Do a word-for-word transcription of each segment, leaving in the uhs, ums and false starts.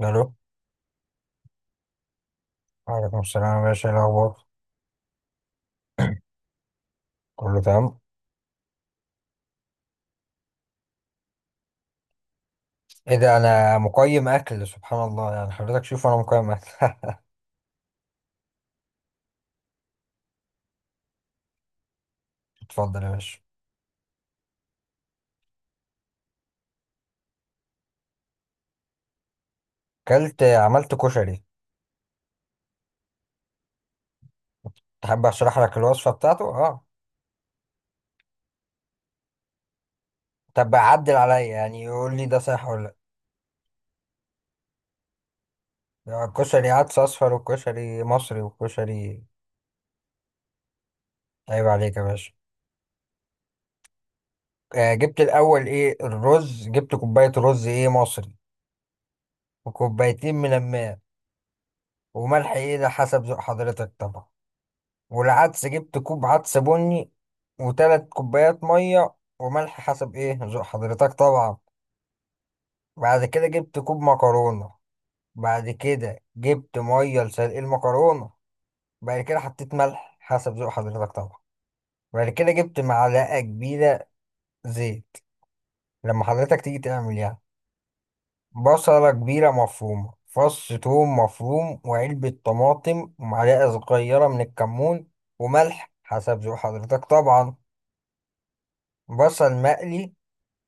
الو. وعليكم السلام يا باشا، إيه الاخبار؟ كله تمام. ايه ده؟ انا مقيم اكل، سبحان الله، يعني حضرتك شوف انا مقيم اكل اتفضل يا باشا. اكلت عملت كشري. تحب اشرح لك الوصفه بتاعته؟ اه. طب عدل عليا يعني يقول لي ده صح ولا؟ لا، آه، كشري عدس اصفر وكشري مصري وكشري. عيب عليك يا باشا. آه جبت الاول ايه الرز، جبت كوبايه رز ايه مصري، وكوبايتين من الماء، وملح ايه ده حسب ذوق حضرتك طبعا. والعدس جبت كوب عدس بني وتلات كوبايات مية، وملح حسب ايه ذوق حضرتك طبعا. بعد كده جبت كوب مكرونة. بعد كده جبت مية لسلق المكرونة. بعد كده حطيت ملح حسب ذوق حضرتك طبعا. بعد كده جبت معلقة كبيرة زيت. لما حضرتك تيجي تعمل يعني بصلة كبيرة مفرومة، فص ثوم مفروم، وعلبة طماطم، ومعلقة صغيرة من الكمون، وملح حسب ذوق حضرتك طبعا. بصل مقلي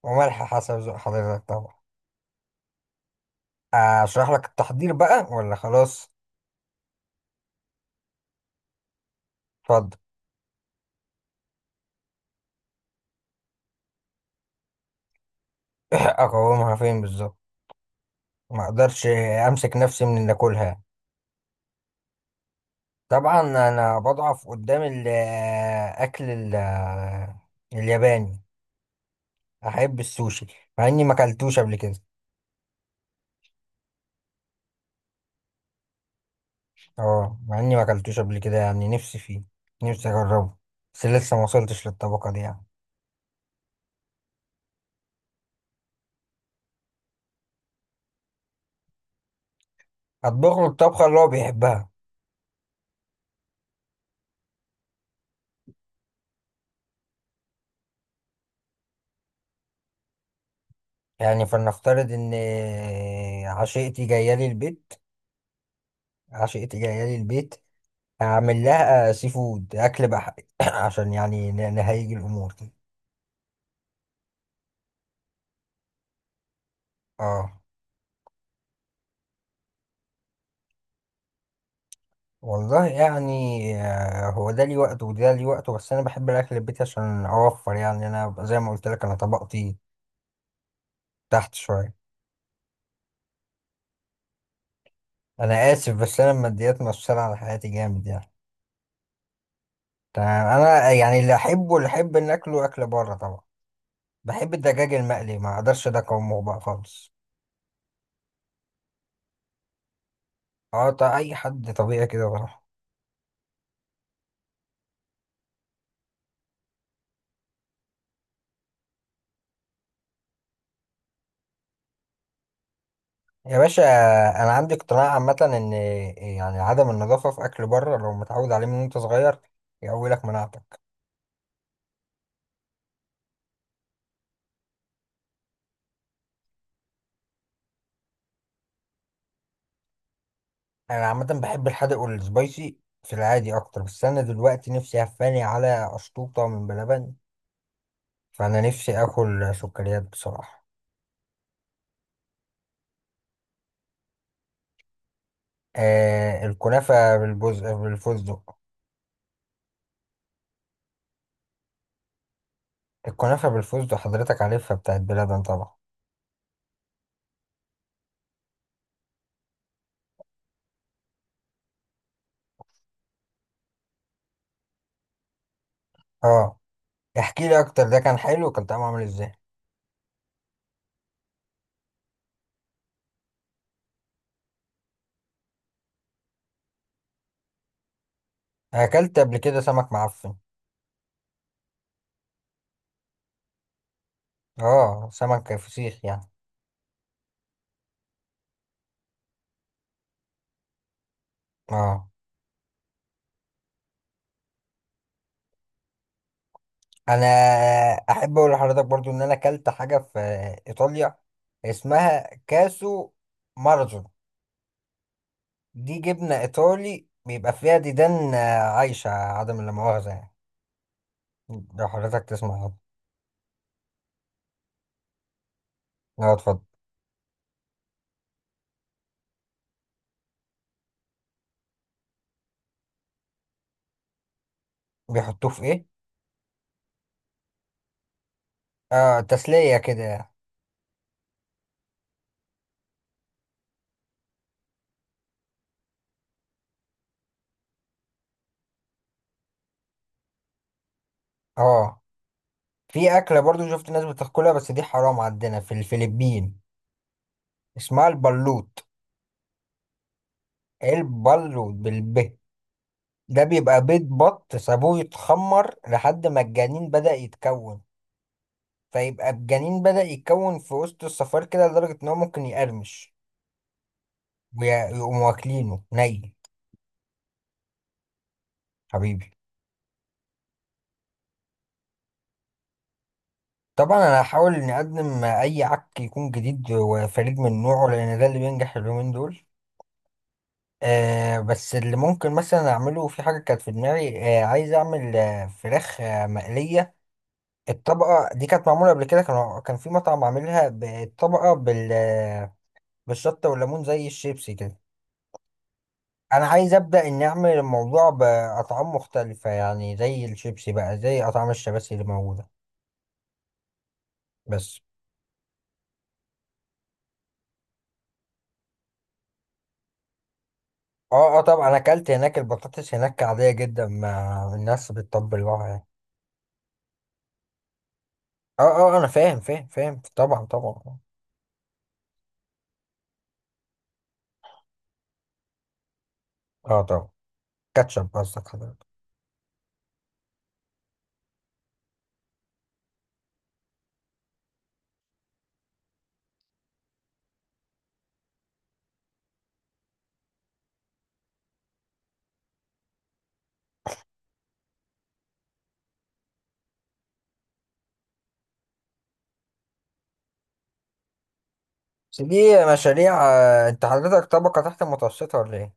وملح حسب ذوق حضرتك طبعا. اشرح لك التحضير بقى ولا خلاص؟ اتفضل. اقومها فين بالظبط؟ ما اقدرش امسك نفسي من اللي اكلها. طبعا انا بضعف قدام الاكل. ال- الياباني، احب السوشي مع اني ما اكلتوش قبل كده. اه، مع اني ما اكلتوش قبل كده، يعني نفسي فيه، نفسي اجربه، بس لسه ما وصلتش للطبقه دي يعني. اطبخ له الطبخه اللي هو بيحبها. يعني فلنفترض ان عشيقتي جايه لي البيت، عشقتي جاية لي البيت، هعمل لها آه، سي فود، أكل بحري، عشان يعني ن- نهيج الأمور. اه. والله يعني، آه، هو ده لي وقته وده لي وقته، بس أنا بحب الأكل البيت عشان أوفر يعني، أنا ب- زي ما قلت لك أنا طبقتي تحت شوية. أنا آسف بس أنا الماديات مؤثرة على حياتي جامد يعني. تمام، أنا يعني اللي أحبه، اللي أحب إن أكله أكل بره طبعا. بحب الدجاج المقلي، ما أقدرش ده، أقاومه بقى خالص. اه طيب أي حد طبيعي كده بروح. يا باشا، انا عندي اقتناع عامه ان يعني عدم النظافه في اكل بره، لو متعود عليه من وانت صغير يقوي لك مناعتك. انا عامه بحب الحادق والسبايسي في العادي اكتر، بس انا دلوقتي نفسي هفاني على اشطوطه من بلبن، فانا نفسي اكل سكريات بصراحه. آه الكنافه بالبز... بالفستق. الكنافه بالفستق حضرتك عارفها بتاعت بلبن طبعا. اه، احكي لي اكتر، ده كان حلو؟ كان طعمه عامل ازاي؟ اكلت قبل كده سمك معفن، اه سمك فسيخ يعني. اه، انا احب اقول لحضرتك برضو ان انا اكلت حاجه في ايطاليا، اسمها كاسو مارزو، دي جبنه ايطالي بيبقى فيها ديدان آه، عايشه، عدم لا مؤاخذه يعني، لو حضرتك تسمع عنه. اه، اتفضل. بيحطوه في ايه؟ اه، تسليه كده يعني. اه، في اكله برضو شفت ناس بتاكلها، بس دي حرام عندنا في الفلبين، اسمها البلوت. البلوت بالب ده بيبقى بيض بط سابوه يتخمر لحد ما الجنين بدأ يتكون، فيبقى الجنين بدأ يتكون في وسط الصفار كده لدرجة إن هو ممكن يقرمش، ويقوموا واكلينه ني. حبيبي. طبعا أنا هحاول إني أقدم أي عك يكون جديد وفريد من نوعه، لأن ده اللي بينجح اليومين دول. آه بس اللي ممكن مثلا أعمله في حاجة كانت في دماغي، آه عايز أعمل آه فراخ آه مقلية. الطبقة دي كانت معمولة قبل كده، كان كان في مطعم عاملها بالطبقة بال بالشطة والليمون زي الشيبسي كده. انا عايز ابدا اني اعمل الموضوع باطعام مختلفه، يعني زي الشيبسي بقى، زي اطعام الشباسي اللي موجوده بس. اه اه طبعا انا اكلت هناك، البطاطس هناك عاديه جدا، ما الناس بتطبلوها يعني. اه اه انا فاهم فاهم فاهم طبعا طبعا. اه طبعا. كاتشب قصدك حضرتك؟ بس دي مشاريع، آه، انت حضرتك طبقه تحت المتوسطه ولا ايه؟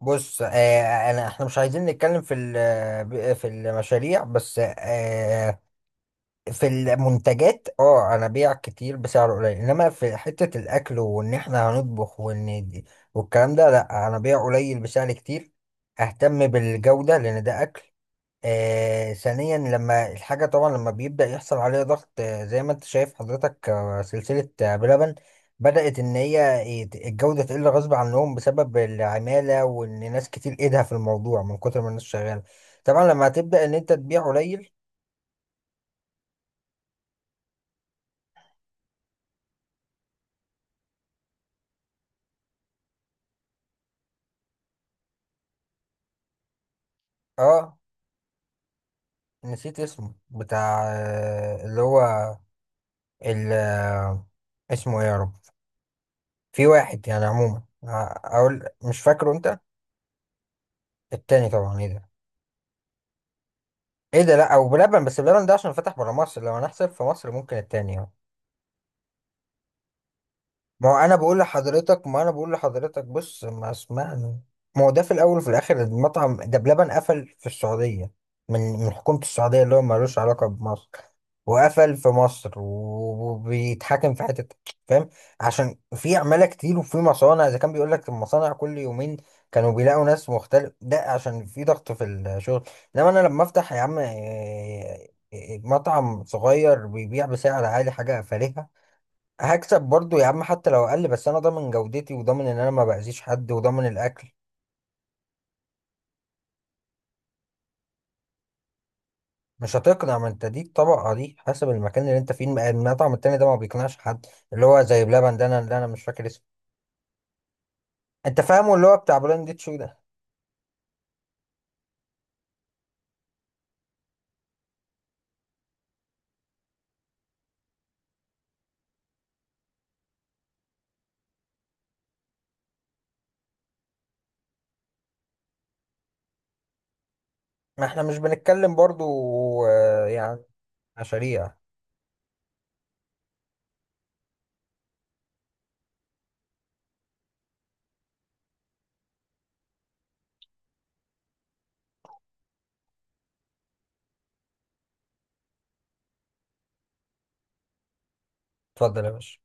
بص آه انا احنا مش عايزين نتكلم في ال- آه، ب- في المشاريع بس آه في المنتجات. اه، انا بيع كتير بسعر قليل، انما في حتة الاكل وان احنا هنطبخ وان دي والكلام ده، لا، انا بيع قليل بسعر كتير، اهتم بالجودة لان ده اكل. آه، ثانيا لما الحاجة، طبعا لما بيبدأ يحصل عليها ضغط، آه زي ما انت شايف حضرتك، آه سلسلة آه بلبن بدأت ان هي يت- الجودة تقل غصب عنهم بسبب العمالة، وان ناس كتير ايدها في الموضوع من كتر ما الناس شغالة. طبعا لما هتبدأ ان انت تبيع قليل. اه، نسيت اسمه بتاع آه، اللي هو ال آه، اسمه ايه يا رب؟ في واحد يعني عموما ه- اقول مش فاكره انت. التاني طبعا، ايه ده؟ ايه ده؟ لا، او بلبن، بس بلبن ده عشان فتح برا مصر، لو هنحسب في مصر ممكن التاني يعني. ما هو انا بقول لحضرتك، ما انا بقول لحضرتك بص، ما اسمعني، ما هو ده في الاول وفي الاخر المطعم ده بلبن قفل في السعوديه، من من حكومه السعوديه اللي هو ملوش علاقه بمصر، وقفل في مصر و- وبيتحاكم في حته، فاهم؟ عشان في عماله كتير وفي مصانع، اذا كان بيقول لك المصانع كل يومين كانوا بيلاقوا ناس مختلف، ده عشان في ضغط في الشغل. انما انا لما افتح يا عم إيه، إيه، مطعم صغير بيبيع بسعر عالي حاجه فارهه، هكسب برضو يا عم حتى لو اقل، بس انا ضامن جودتي وضامن ان انا ما باذيش حد وضامن الاكل. مش هتقنع، ما انت دي الطبقه، دي حسب المكان اللي انت فيه، الم- المطعم التاني ده ما بيقنعش حد، اللي هو زي بلبن ده، انا اللي انا مش فاكر اسمه. انت فاهمه اللي هو بتاع بلاند شو ده. ما احنا مش بنتكلم برضو آه، يعني مشاريع. اتفضل يا باشا.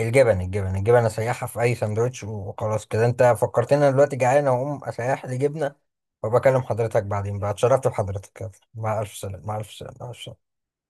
الجبن الجبن الجبن اسيحها في اي سندوتش وخلاص كده، انت فكرتني، انا دلوقتي جعان اقوم اسيح لي جبنه وبكلم حضرتك بعدين بقى، اتشرفت بحضرتك، يلا. مع الف سلامه، مع الف سلامه، مع الف سلامه.